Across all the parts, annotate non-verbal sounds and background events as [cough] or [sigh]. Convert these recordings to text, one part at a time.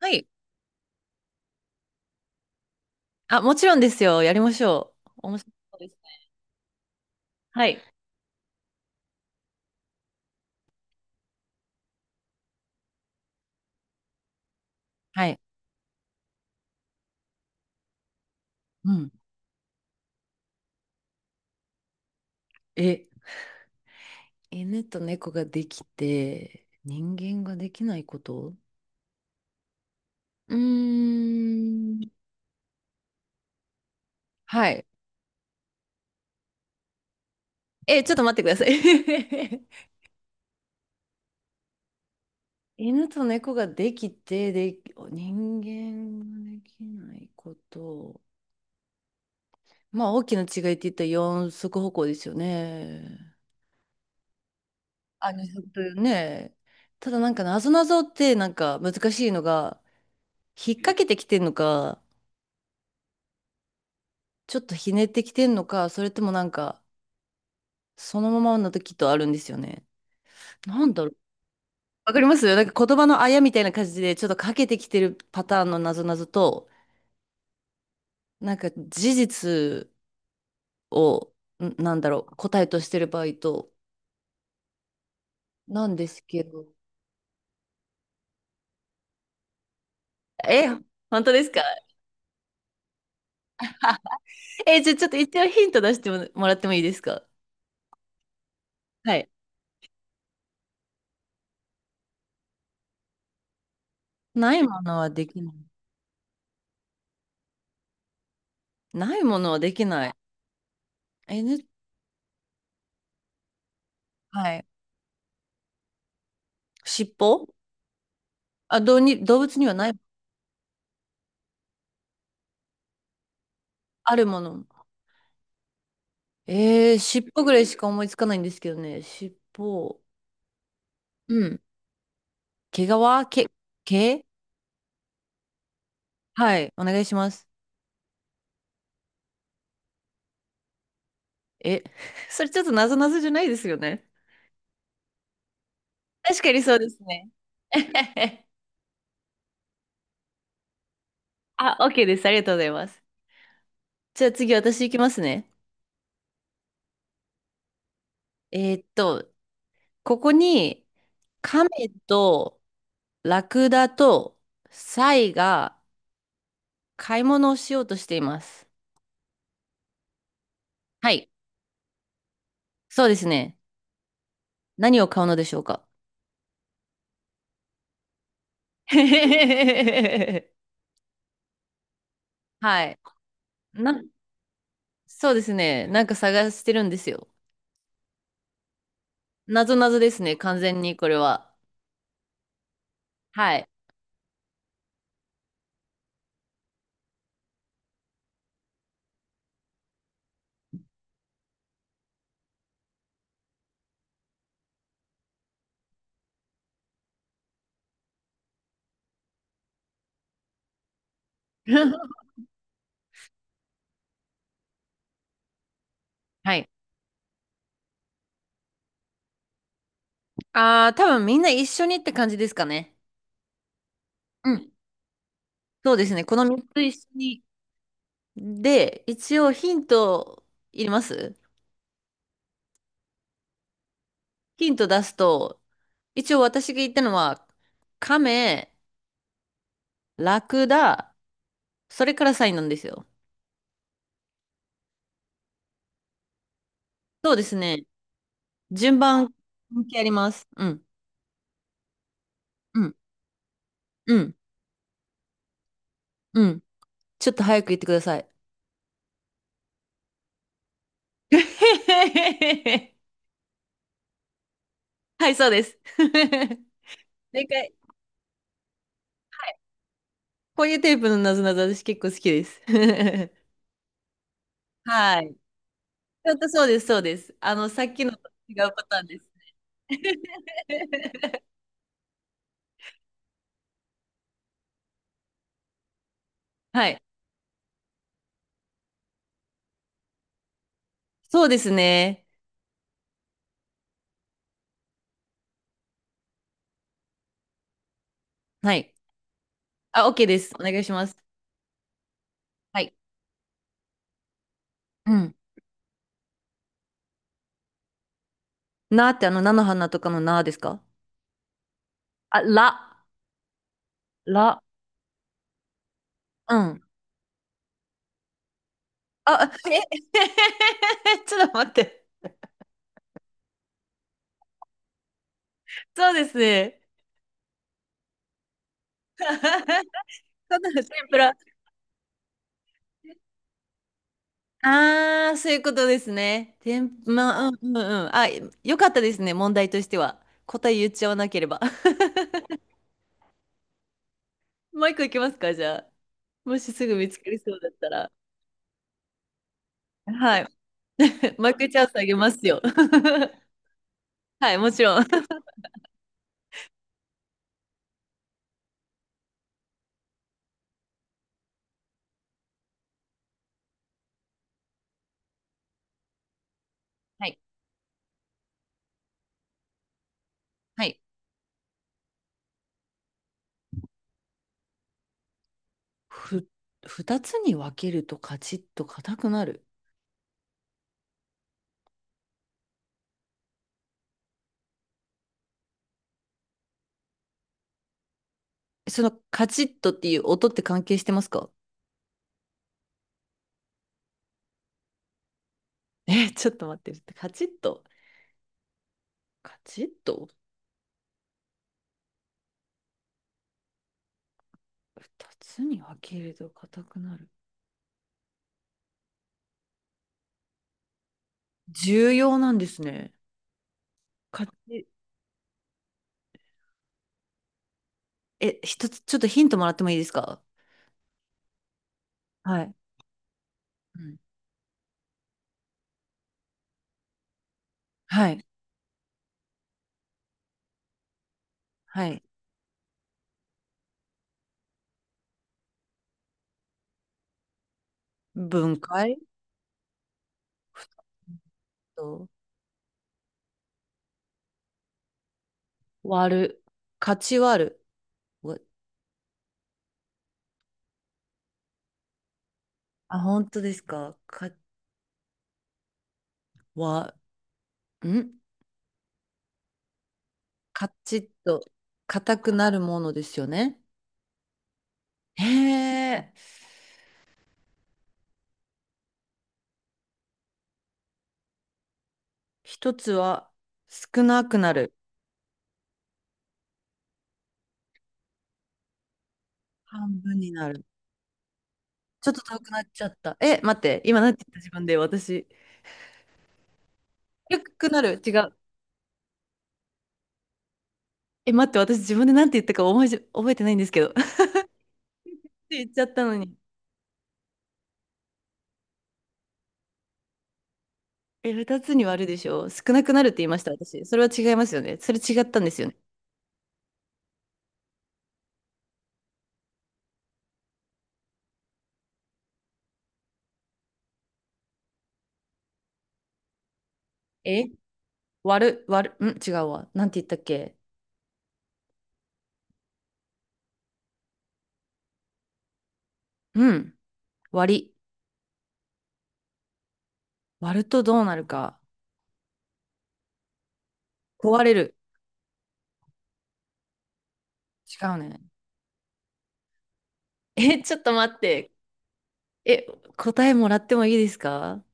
はい。あ、もちろんですよ。やりましょう。面白そうですね。はい。はい。うん。え、犬と猫ができて、人間ができないこと？うーん。はい。え、ちょっと待ってください。[laughs] 犬と猫ができて、で、人間ができないこと。まあ、大きな違いって言ったら四足歩行ですよね。あ、二足というね。ただなんかなぞなぞってなんか難しいのが、引っ掛けてきてんのか、ちょっとひねってきてんのか、それともなんか、そのままの時とあるんですよね。なんだろう。わかります。なんか言葉のあやみたいな感じで、ちょっとかけてきてるパターンのなぞなぞと、なんか事実を、なんだろう、答えとしてる場合と、なんですけど。え、本当ですか？え、じゃあちょっと一応ヒント出してもらってもいいですか？はい。ないものはできない。ないものはできない。え、ね、はい。尻尾。あ、どうに、動物にはない？あるもの。尻尾ぐらいしか思いつかないんですけどね。尻尾。うん。毛皮。毛、毛。はい。お願いします。え、[laughs] それちょっとなぞなぞじゃないですよね。確かにそうですね。[laughs] あ、OK です。ありがとうございます。じゃあ次私行きますね。えーっと、ここに亀とラクダとサイが買い物をしようとしています。はい。そうですね。何を買うのでしょうか？ [laughs] はい。な、そうですね。なんか探してるんですよ。なぞなぞですね。完全にこれは。はい。[laughs] はい。ああ、多分みんな一緒にって感じですかね。うん。そうですね。この3つ一緒に。で、一応ヒントいります？ヒント出すと、一応私が言ったのは、亀、ラクダ、それからサイなんですよ。そうですね。順番関係あります。うん。うん。うん。うん。ちょっと早く言ってください。[laughs] はい、そうです。[laughs] なんか、こういうテープのなぞなぞ、私結構好きです。[laughs] はい。ちょっとそうです、そうです。あの、さっきのと違うパターンです。[laughs] はい。そうですね。はい。あ、OK です。お願いします。はい。うん。なーってあの、菜の花とかのなーですか？あ、ら、ら。うん。あ、え [laughs] ちょっと待って。そうですね。[laughs] そんな天のシンプら。ああ、そういうことですね。てん、まあ、うんうんうん。あ、よかったですね、問題としては。答え言っちゃわなければ。[laughs] もう一個いきますか、じゃあ。もしすぐ見つかりそうだったら。はい。[laughs] マイクチャンスあげますよ。[laughs] はい、もちろん。はい。はい。ふ、二つに分けるとカチッと硬くなる。そのカチッとっていう音って関係してますか？ [laughs] え、ちょっと待って。カチッと。カチッと。二つに分けると硬くなる。重要なんですね。かち、え、一つ、ちょっとヒントもらってもいいですか？はい。うん。はい。はい。分解。ふと、割る。勝ち割る。わあ、本当ですかわ、んカチッと、硬くなるものですよね。へえ。一つは、少なくなる。半分になる。ちょっと遠くなっちゃった。え、待って、今なんて言った自分で、私。低くなる。違う。え、待って、私自分でなんて言ったか覚えじ、覚えてないんですけど。[laughs] って言っちゃったのに。え、二つに割るでしょ少なくなるって言いました、私。それは違いますよね。それ違ったんですよね。え、割る、割る、うん、違うわ。なんて言ったっけ？うん、割り。割るとどうなるか。壊れる。違うね。え、ちょっと待って。え、答えもらってもいいですか？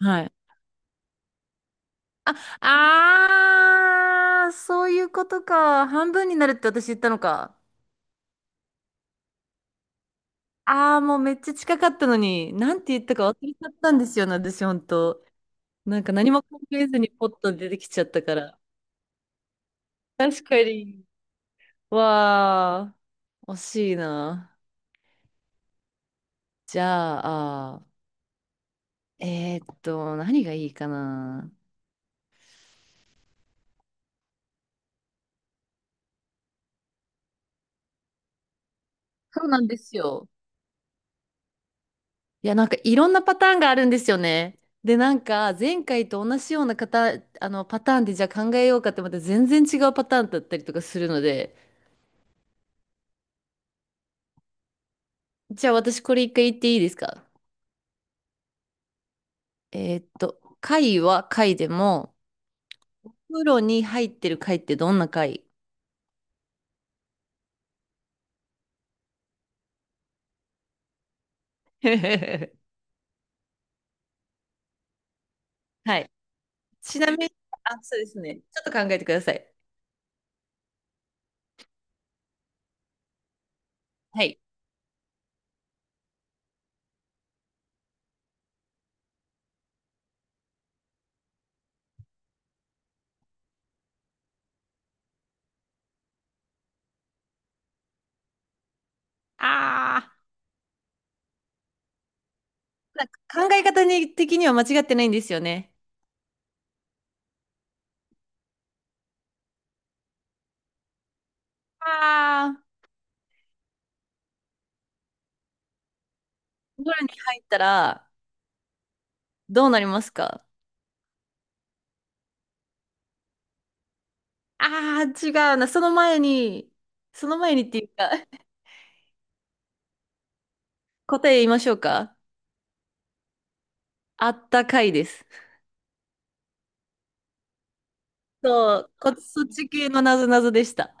はい。あ、あー、そういうことか。半分になるって私言ったのか。ああもうめっちゃ近かったのに、なんて言ったか忘れちゃったんですよね、私、本当。なんか何も考えずにポッと出てきちゃったから。確かに。わー、惜しいな。じゃあ、何がいいかな。そうなんですよ。いや、なんかいろんなパターンがあるんですよね。で、なんか前回と同じような方、あのパターンでじゃあ考えようかってまた全然違うパターンだったりとかするので、じゃあ私これ一回言っていいですか？貝は貝でも、プロに入ってる貝ってどんな貝？ [laughs] はい。ちなみに、あ、そうですね。ちょっと考えてください。はい。あ、なんか考え方に的には間違ってないんですよね。あ、ああ、お風呂に入ったらどうなりますか？ああー、違うな。その前に、その前にっていうか、[laughs] 答え言いましょうか。あったかいです。そう、そっち系のなぞなぞでした。